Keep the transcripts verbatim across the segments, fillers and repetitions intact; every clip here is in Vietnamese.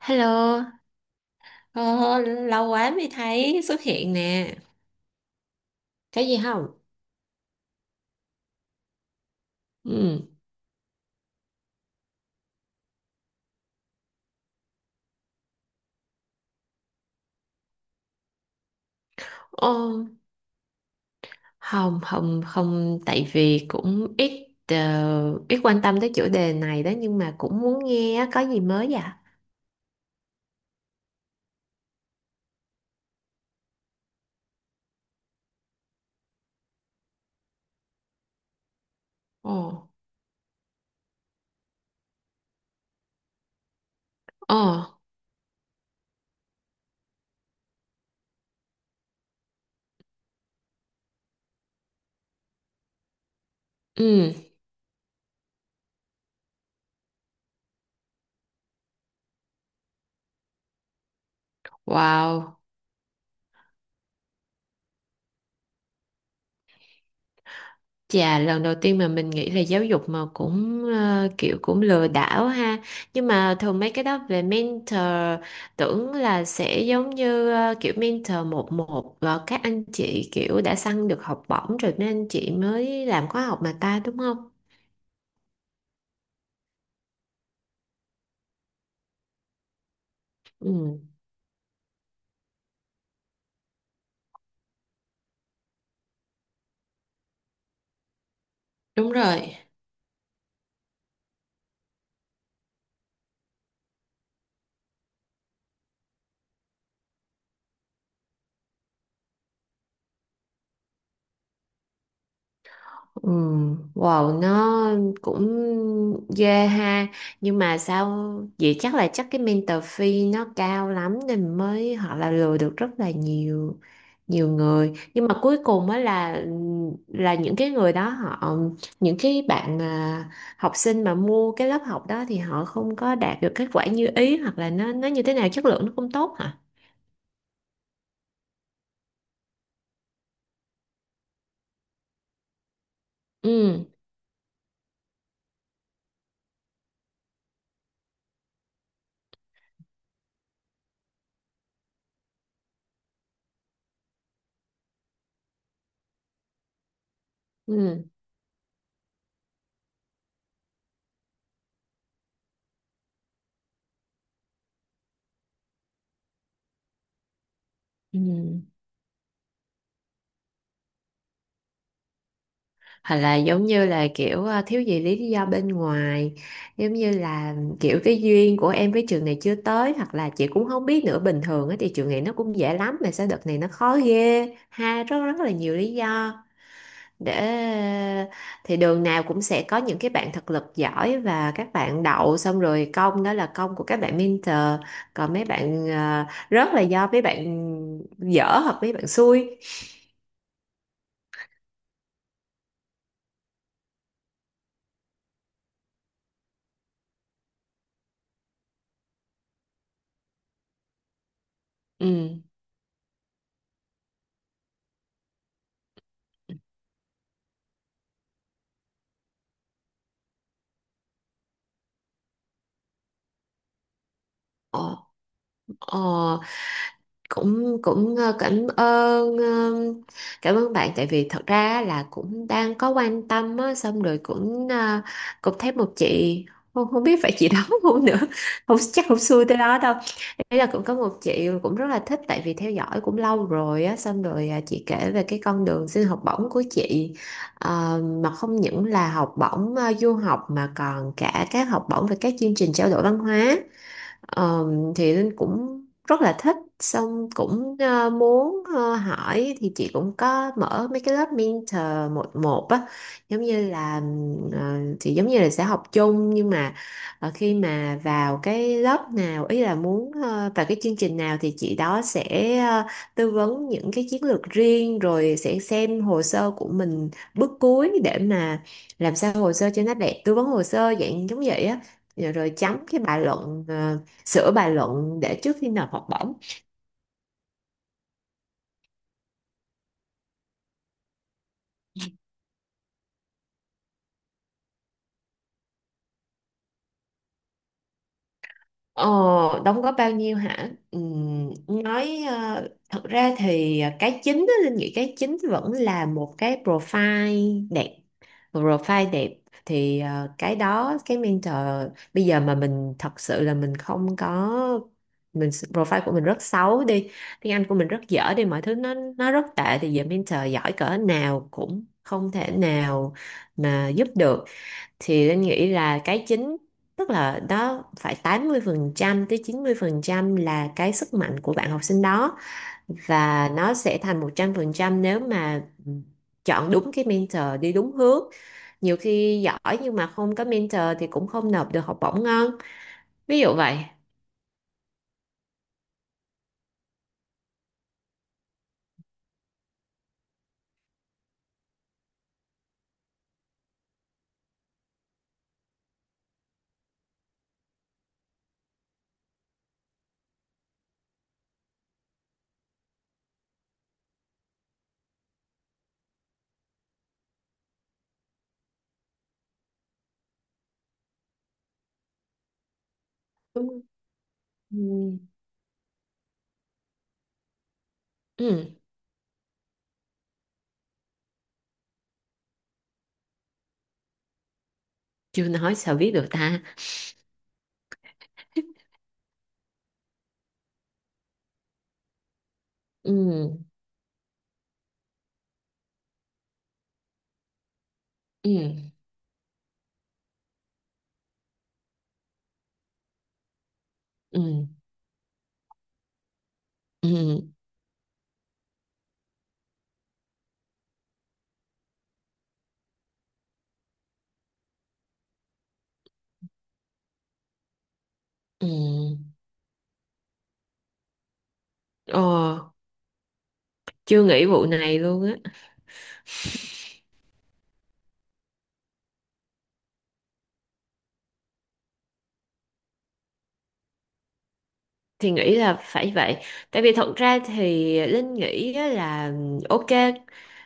Hello, ờ, lâu quá mới thấy xuất hiện nè. Có gì không? Ừ. Ồ, không, không, không, tại vì cũng ít ờ, ít quan tâm tới chủ đề này đó nhưng mà cũng muốn nghe á, có gì mới vậy? Ồ, ồ, ừ, wow. Dạ, lần đầu tiên mà mình nghĩ là giáo dục mà cũng ờ, kiểu cũng lừa đảo ha. Nhưng mà thường mấy cái đó về mentor tưởng là sẽ giống như ờ, kiểu mentor một một và các anh chị kiểu đã săn được học bổng rồi nên anh chị mới làm khóa học mà ta đúng không? Ừ. Đúng rồi. Ừ, wow, nó cũng ghê ha. Nhưng mà sao, vậy chắc là chắc cái mentor fee nó cao lắm nên mới họ là lừa được rất là nhiều, nhiều người. Nhưng mà cuối cùng á là Là những cái người đó họ, những cái bạn à, học sinh mà mua cái lớp học đó thì họ không có đạt được kết quả như ý, hoặc là nó nó như thế nào, chất lượng nó không tốt hả? Ừ, ừ, ừ, hoặc là giống như là kiểu à, thiếu gì lý do bên ngoài, giống như là kiểu cái duyên của em với trường này chưa tới, hoặc là chị cũng không biết nữa, bình thường á thì trường này nó cũng dễ lắm mà sao đợt này nó khó ghê ha, rất rất là nhiều lý do để, thì đường nào cũng sẽ có những cái bạn thực lực giỏi và các bạn đậu, xong rồi công đó là công của các bạn mentor, còn mấy bạn à, rớt là do mấy bạn dở hoặc mấy bạn xui. Ừ. Ờ, ờ, cũng cũng ờ, cảm ơn ờ, cảm ơn bạn, tại vì thật ra á là cũng đang có quan tâm á, xong rồi cũng ờ, cũng thấy một chị, không, không biết phải chị đó không nữa, không chắc không xui tới đó đâu, ý là cũng có một chị cũng rất là thích tại vì theo dõi cũng lâu rồi á, xong rồi à, chị kể về cái con đường xin học bổng của chị. Ờ, mà không những là học bổng ờ, du học mà còn cả các học bổng về các chương trình trao đổi văn hóa. Ờ, thì Linh cũng rất là thích, xong cũng ờ, muốn ờ, hỏi, thì chị cũng có mở mấy cái lớp mentor một một á, giống như là, ờ, thì giống như là sẽ học chung nhưng mà ờ, khi mà vào cái lớp nào, ý là muốn ờ, vào cái chương trình nào thì chị đó sẽ ờ, tư vấn những cái chiến lược riêng, rồi sẽ xem hồ sơ của mình, bước cuối để mà làm sao hồ sơ cho nó đẹp, tư vấn hồ sơ dạng giống vậy á, rồi rồi chấm cái bài luận, ờ, sửa bài luận để trước khi nộp học bổng. ờ, Đóng góp bao nhiêu hả? Ừm, nói ờ, thật ra thì cái chính á, Linh nghĩ cái chính vẫn là một cái profile đẹp. Một profile đẹp thì ờ, cái đó cái mentor, bây giờ mà mình thật sự là mình không có, mình profile của mình rất xấu đi, tiếng Anh của mình rất dở đi, mọi thứ nó nó rất tệ thì giờ mentor giỏi cỡ nào cũng không thể nào mà giúp được, thì Linh nghĩ là cái chính, tức là đó phải tám mươi phần trăm tới chín mươi phần trăm là cái sức mạnh của bạn học sinh đó, và nó sẽ thành một trăm phần trăm nếu mà chọn đúng cái mentor đi đúng hướng. Nhiều khi giỏi nhưng mà không có mentor thì cũng không nộp được học bổng ngon, ví dụ vậy. Đúng. Ừ, ừ, chưa nói sao biết được ta. Ừ. Ừ. Ừ. Ừ. Ừ. Ờ, chưa nghĩ vụ này luôn á, thì nghĩ là phải vậy, tại vì thật ra thì Linh nghĩ á là, ok,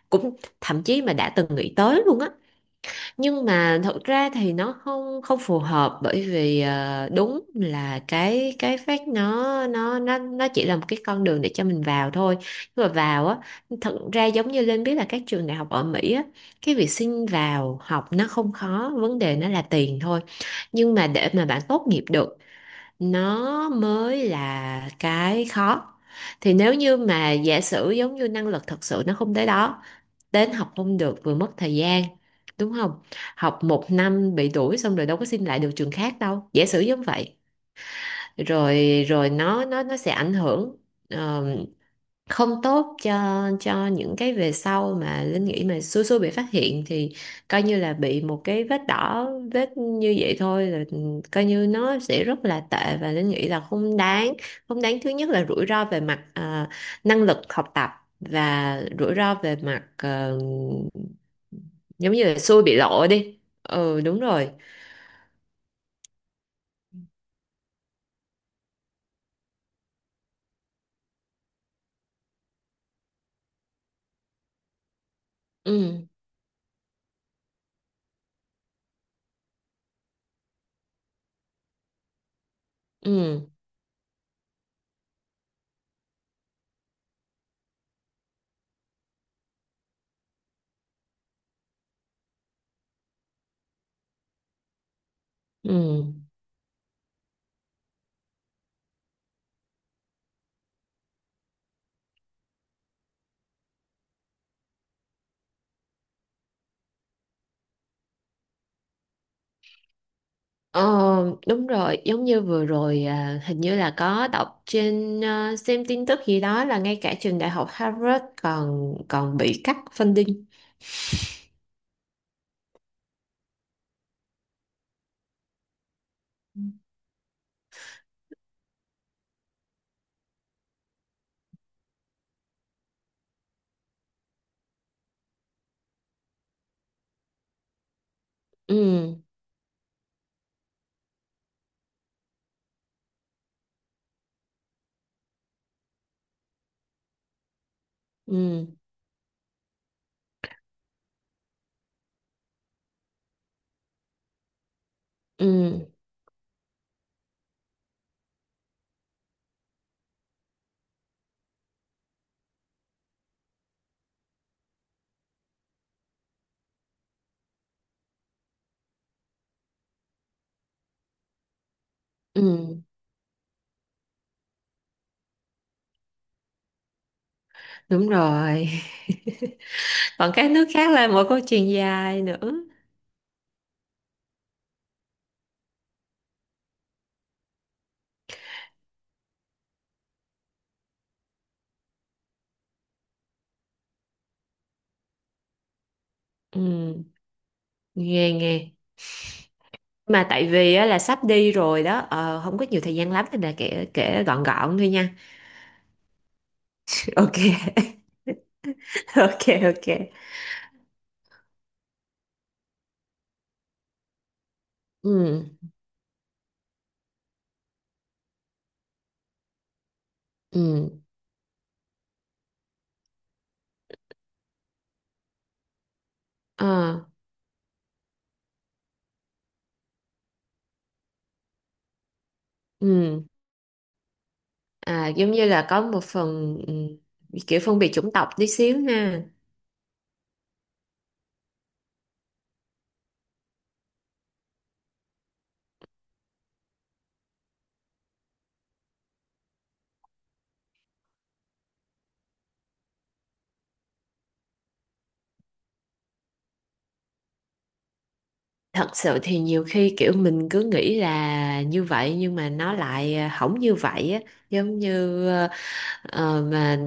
cũng thậm chí mà đã từng nghĩ tới luôn á, nhưng mà thật ra thì nó không không phù hợp, bởi vì ờ, đúng là cái cái phát nó nó nó nó chỉ là một cái con đường để cho mình vào thôi. Nhưng mà vào á, thật ra giống như Linh biết là các trường đại học ở Mỹ á, cái việc xin vào học nó không khó, vấn đề nó là tiền thôi, nhưng mà để mà bạn tốt nghiệp được nó mới là cái khó. Thì nếu như mà giả sử giống như năng lực thật sự nó không tới đó, đến học không được, vừa mất thời gian, đúng không? Học một năm bị đuổi, xong rồi đâu có xin lại được trường khác đâu, giả sử giống vậy, rồi rồi nó nó nó sẽ ảnh hưởng ờ, không tốt cho cho những cái về sau. Mà Linh nghĩ mà xui xui bị phát hiện thì coi như là bị một cái vết đỏ, vết như vậy thôi là coi như nó sẽ rất là tệ, và Linh nghĩ là không đáng. Không đáng, thứ nhất là rủi ro về mặt à, năng lực học tập, và rủi ro về mặt ờ, giống như là xui bị lộ đi, ừ đúng rồi. Ừ, ừ, ừ. Ờ, đúng rồi, giống như vừa rồi à, hình như là có đọc trên à, xem tin tức gì đó là ngay cả trường đại học Harvard còn còn bị cắt funding. Ừ, ừ, ừ, ừ, đúng rồi. Còn các nước khác là một câu chuyện dài nữa. Ừ, nghe nghe. Mà tại vì á, là sắp đi rồi đó, ờ, không có nhiều thời gian lắm nên là kể kể gọn gọn thôi nha. Ok, ok, ok. Ừ, ừ, ờ, ừ. À, giống như là có một phần ừ, kiểu phân biệt chủng tộc tí xíu ha. Thật sự thì nhiều khi kiểu mình cứ nghĩ là như vậy nhưng mà nó lại à, không như vậy á, giống như ờ, mà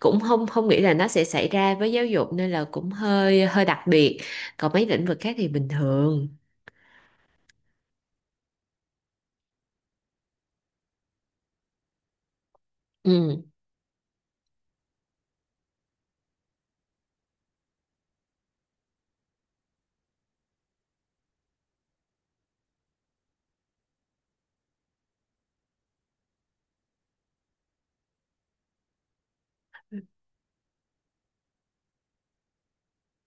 cũng không không nghĩ là nó sẽ xảy ra với giáo dục, nên là cũng hơi hơi đặc biệt. Còn mấy lĩnh vực khác thì bình thường. Ừ.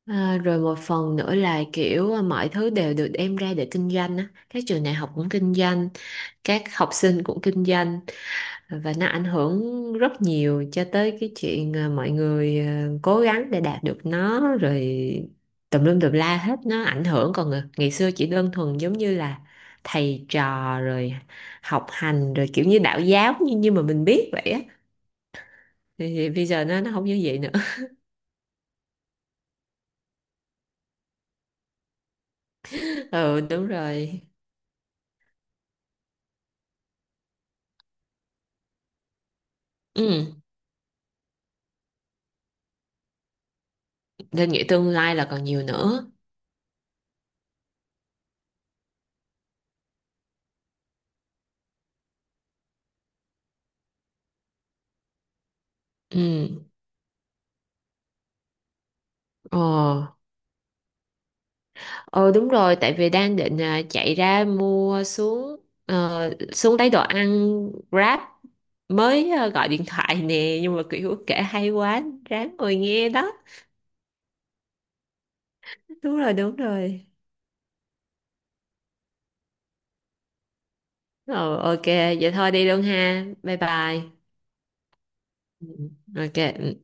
À, rồi một phần nữa là kiểu mọi thứ đều được đem ra để kinh doanh á. Các trường đại học cũng kinh doanh, các học sinh cũng kinh doanh, và nó ảnh hưởng rất nhiều cho tới cái chuyện à, mọi người à, cố gắng để đạt được nó, rồi tùm lum tùm la hết, nó ảnh hưởng. Còn ng- ngày xưa chỉ đơn thuần giống như là thầy trò, rồi học hành, rồi kiểu như đạo giáo như như mà mình biết vậy á, thì, thì bây giờ nó nó không như vậy nữa. Ừ đúng rồi. Ừ, nên nghĩ tương lai là còn nhiều nữa. Ừ. Ồ, ờ đúng rồi, tại vì đang định à, chạy ra mua xuống, ờ, xuống lấy đồ ăn Grab, mới ờ, gọi điện thoại nè, nhưng mà kiểu kể hay quá, ráng ngồi nghe đó. Đúng rồi, đúng rồi. Ờ ok, vậy thôi đi luôn ha. Bye bye. Ừ, ok. Ừ.